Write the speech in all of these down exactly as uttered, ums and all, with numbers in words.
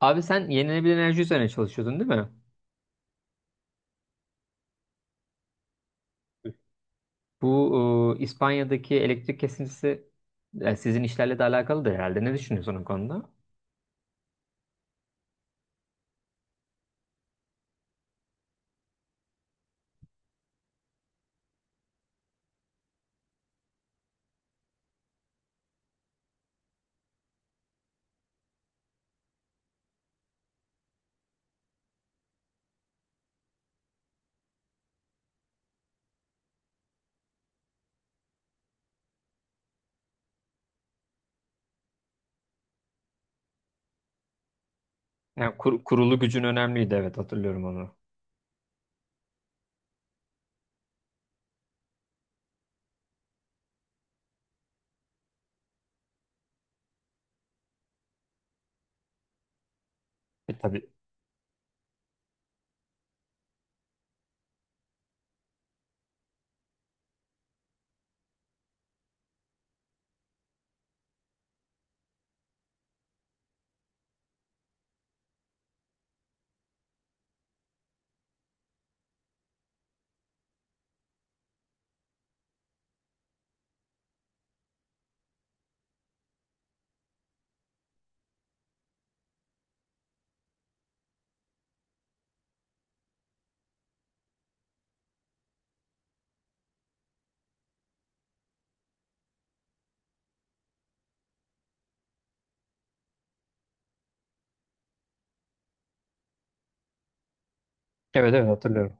Abi sen yenilenebilir enerji üzerine çalışıyordun değil mi? Bu e, İspanya'daki elektrik kesintisi e, sizin işlerle de alakalıdır herhalde. Ne düşünüyorsun o konuda? Yani kur- kurulu gücün önemliydi. Evet, hatırlıyorum onu. E, tabii. Evet, evet, hatırlıyorum.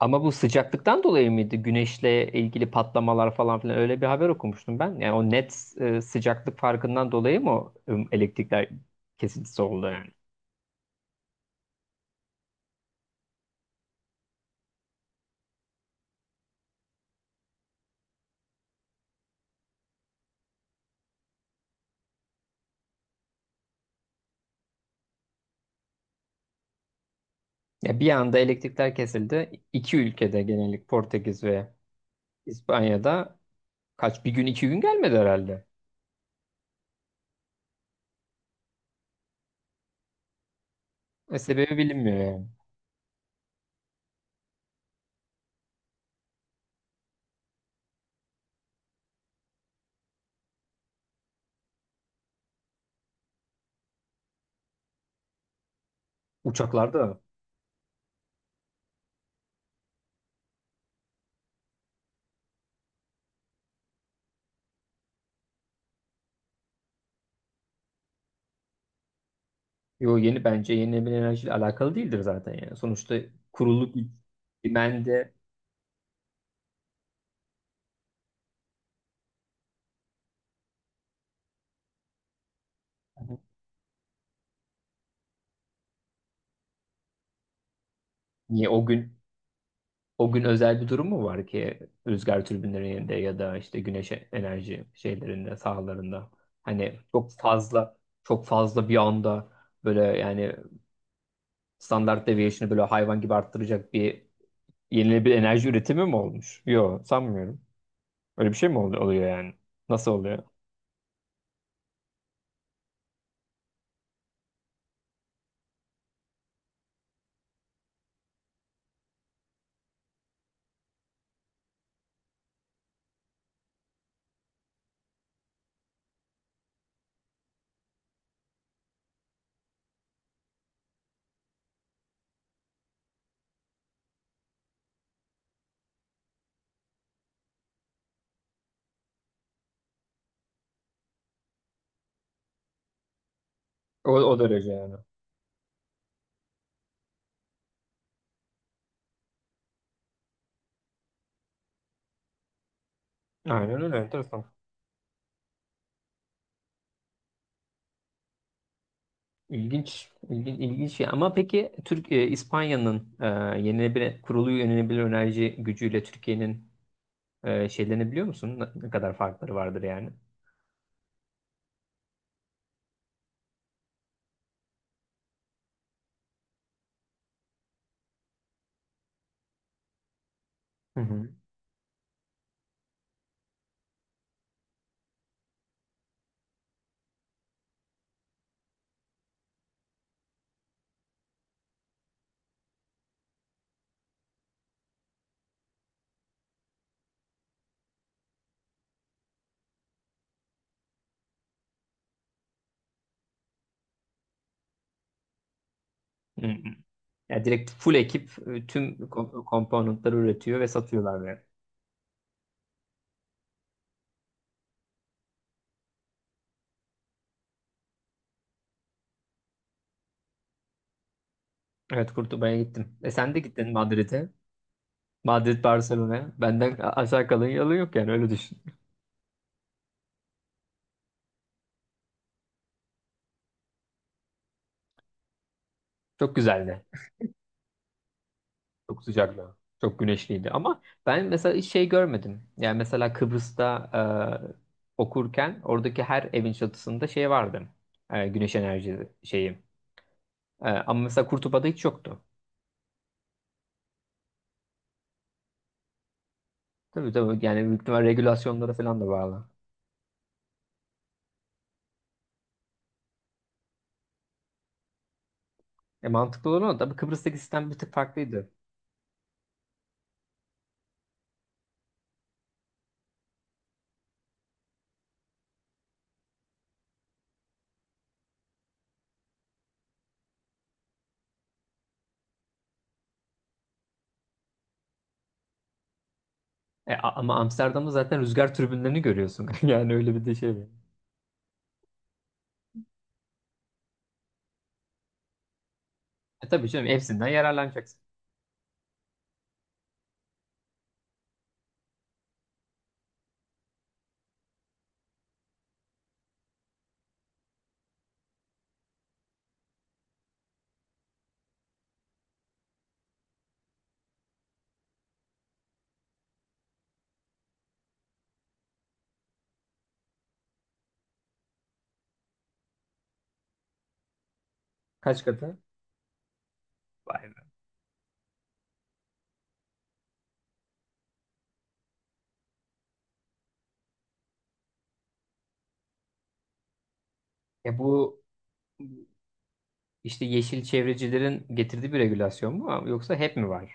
Ama bu sıcaklıktan dolayı mıydı? Güneşle ilgili patlamalar falan filan, öyle bir haber okumuştum ben. Yani o net e, sıcaklık farkından dolayı mı o, e, elektrikler kesintisi oldu yani? Ya bir anda elektrikler kesildi. İki ülkede genellik, Portekiz ve İspanya'da. Kaç, bir gün iki gün gelmedi herhalde. E, sebebi bilinmiyor yani. Uçaklarda yo, yeni bence yenilenebilir enerjiyle alakalı değildir zaten yani. Sonuçta kurulu bir dümende niye o gün, o gün özel bir durum mu var ki rüzgar türbinlerinde ya da işte güneş enerji şeylerinde sahalarında hani çok fazla çok fazla bir anda böyle yani standart deviation'ı böyle hayvan gibi arttıracak bir yenilenebilir enerji üretimi mi olmuş? Yok, sanmıyorum. Öyle bir şey mi oluyor, oluyor yani? Nasıl oluyor? O, o derece yani. Aynen öyle, enteresan. İlginç, ilginç, ilginç şey. Ama peki Türk e, İspanya'nın e, yenilenebilir kurulu yenilenebilir enerji gücüyle Türkiye'nin e, şeylerini biliyor musun? Ne, ne kadar farkları vardır yani? Hı hı. Hı hı. Ya direkt full ekip e, tüm ko- komponentleri üretiyor ve satıyorlar yani. Evet, Kurtuba'ya gittim. E sen de gittin Madrid'e. Madrid, Barcelona'ya. Benden a- aşağı kalın yalı yok, yani öyle düşün. Çok güzeldi. Çok sıcaktı. Çok güneşliydi ama ben mesela hiç şey görmedim. Yani mesela Kıbrıs'ta e, okurken oradaki her evin çatısında şey vardı. E, güneş enerji şeyi. E, ama mesela Kurtula'da hiç yoktu. Tabii, tabii, yani büyük ihtimal regülasyonlara falan da bağlı. E, mantıklı olan o. Tabii Kıbrıs'taki sistem bir tık farklıydı. E, a- ama Amsterdam'da zaten rüzgar türbinlerini görüyorsun. Yani öyle bir de şey var. E, tabii canım, hepsinden yararlanacaksın. Kaç katı? Vay be. E, bu İşte yeşil çevrecilerin getirdiği bir regülasyon mu, ama yoksa hep mi vardı?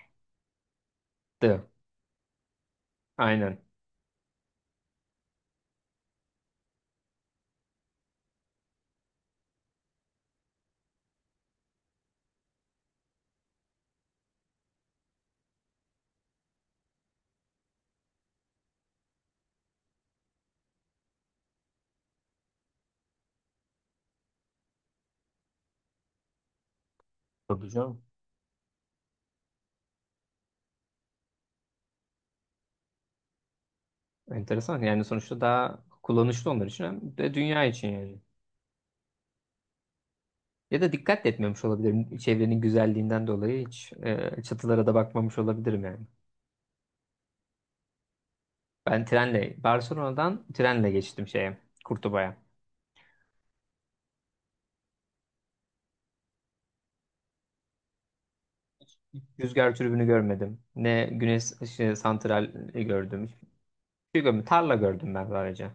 Aynen. Tabii canım. Enteresan. Yani sonuçta daha kullanışlı onlar için, hem de dünya için yani. Ya da dikkat de etmemiş olabilirim. Çevrenin güzelliğinden dolayı hiç e, çatılara da bakmamış olabilirim yani. Ben trenle, Barcelona'dan trenle geçtim şeye, Kurtuba'ya. Hiç rüzgar türbünü görmedim. Ne güneş ışığı santral gördüm. Hiçbir şey görmedim. Tarla gördüm ben sadece.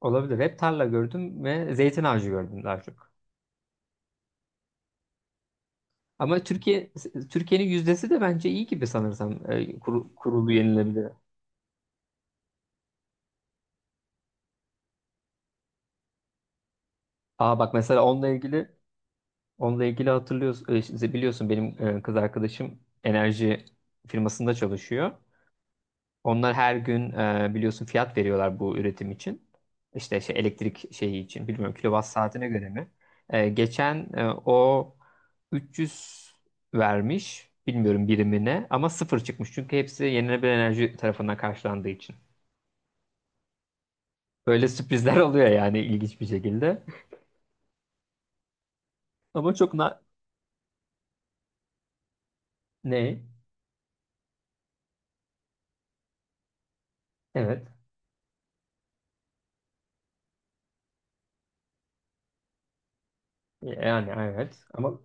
Olabilir. Hep tarla gördüm ve zeytin ağacı gördüm daha çok. Ama Türkiye Türkiye'nin yüzdesi de bence iyi gibi, sanırsam e, kuru- kurulu yenilebilir. Aa, bak mesela onunla ilgili onunla ilgili hatırlıyorsun, e, şimdi biliyorsun benim e, kız arkadaşım enerji firmasında çalışıyor. Onlar her gün e, biliyorsun fiyat veriyorlar bu üretim için. İşte şey, elektrik şeyi için, bilmiyorum, kilowatt saatine göre mi? E, geçen e, o üç yüz vermiş, bilmiyorum birimine, ama sıfır çıkmış çünkü hepsi yenilenebilir enerji tarafından karşılandığı için. Böyle sürprizler oluyor yani, ilginç bir şekilde. Ama çok na, ne? Evet. Yani evet. Ama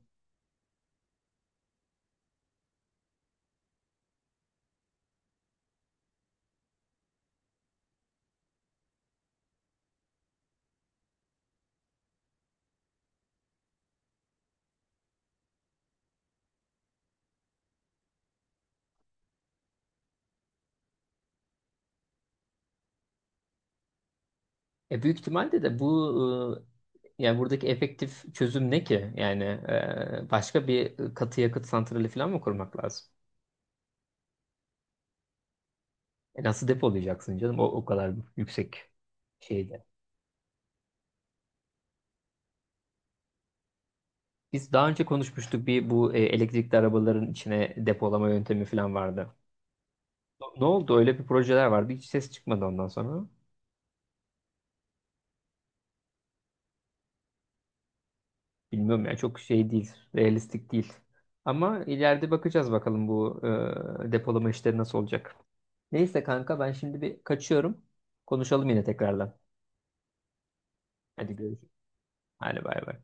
e, büyük ihtimalle de bu, e, yani buradaki efektif çözüm ne ki? Yani e, başka bir katı yakıt santrali falan mı kurmak lazım? E, nasıl depolayacaksın canım, o, o kadar yüksek şeyde. Biz daha önce konuşmuştuk bir, bu e, elektrikli arabaların içine depolama yöntemi falan vardı. Ne oldu? Öyle bir projeler vardı. Hiç ses çıkmadı ondan sonra. Bilmiyorum ya, çok şey değil, realistik değil. Ama ileride bakacağız bakalım bu e, depolama işleri nasıl olacak. Neyse kanka, ben şimdi bir kaçıyorum. Konuşalım yine tekrardan. Hadi görüşürüz. Hadi bay bay.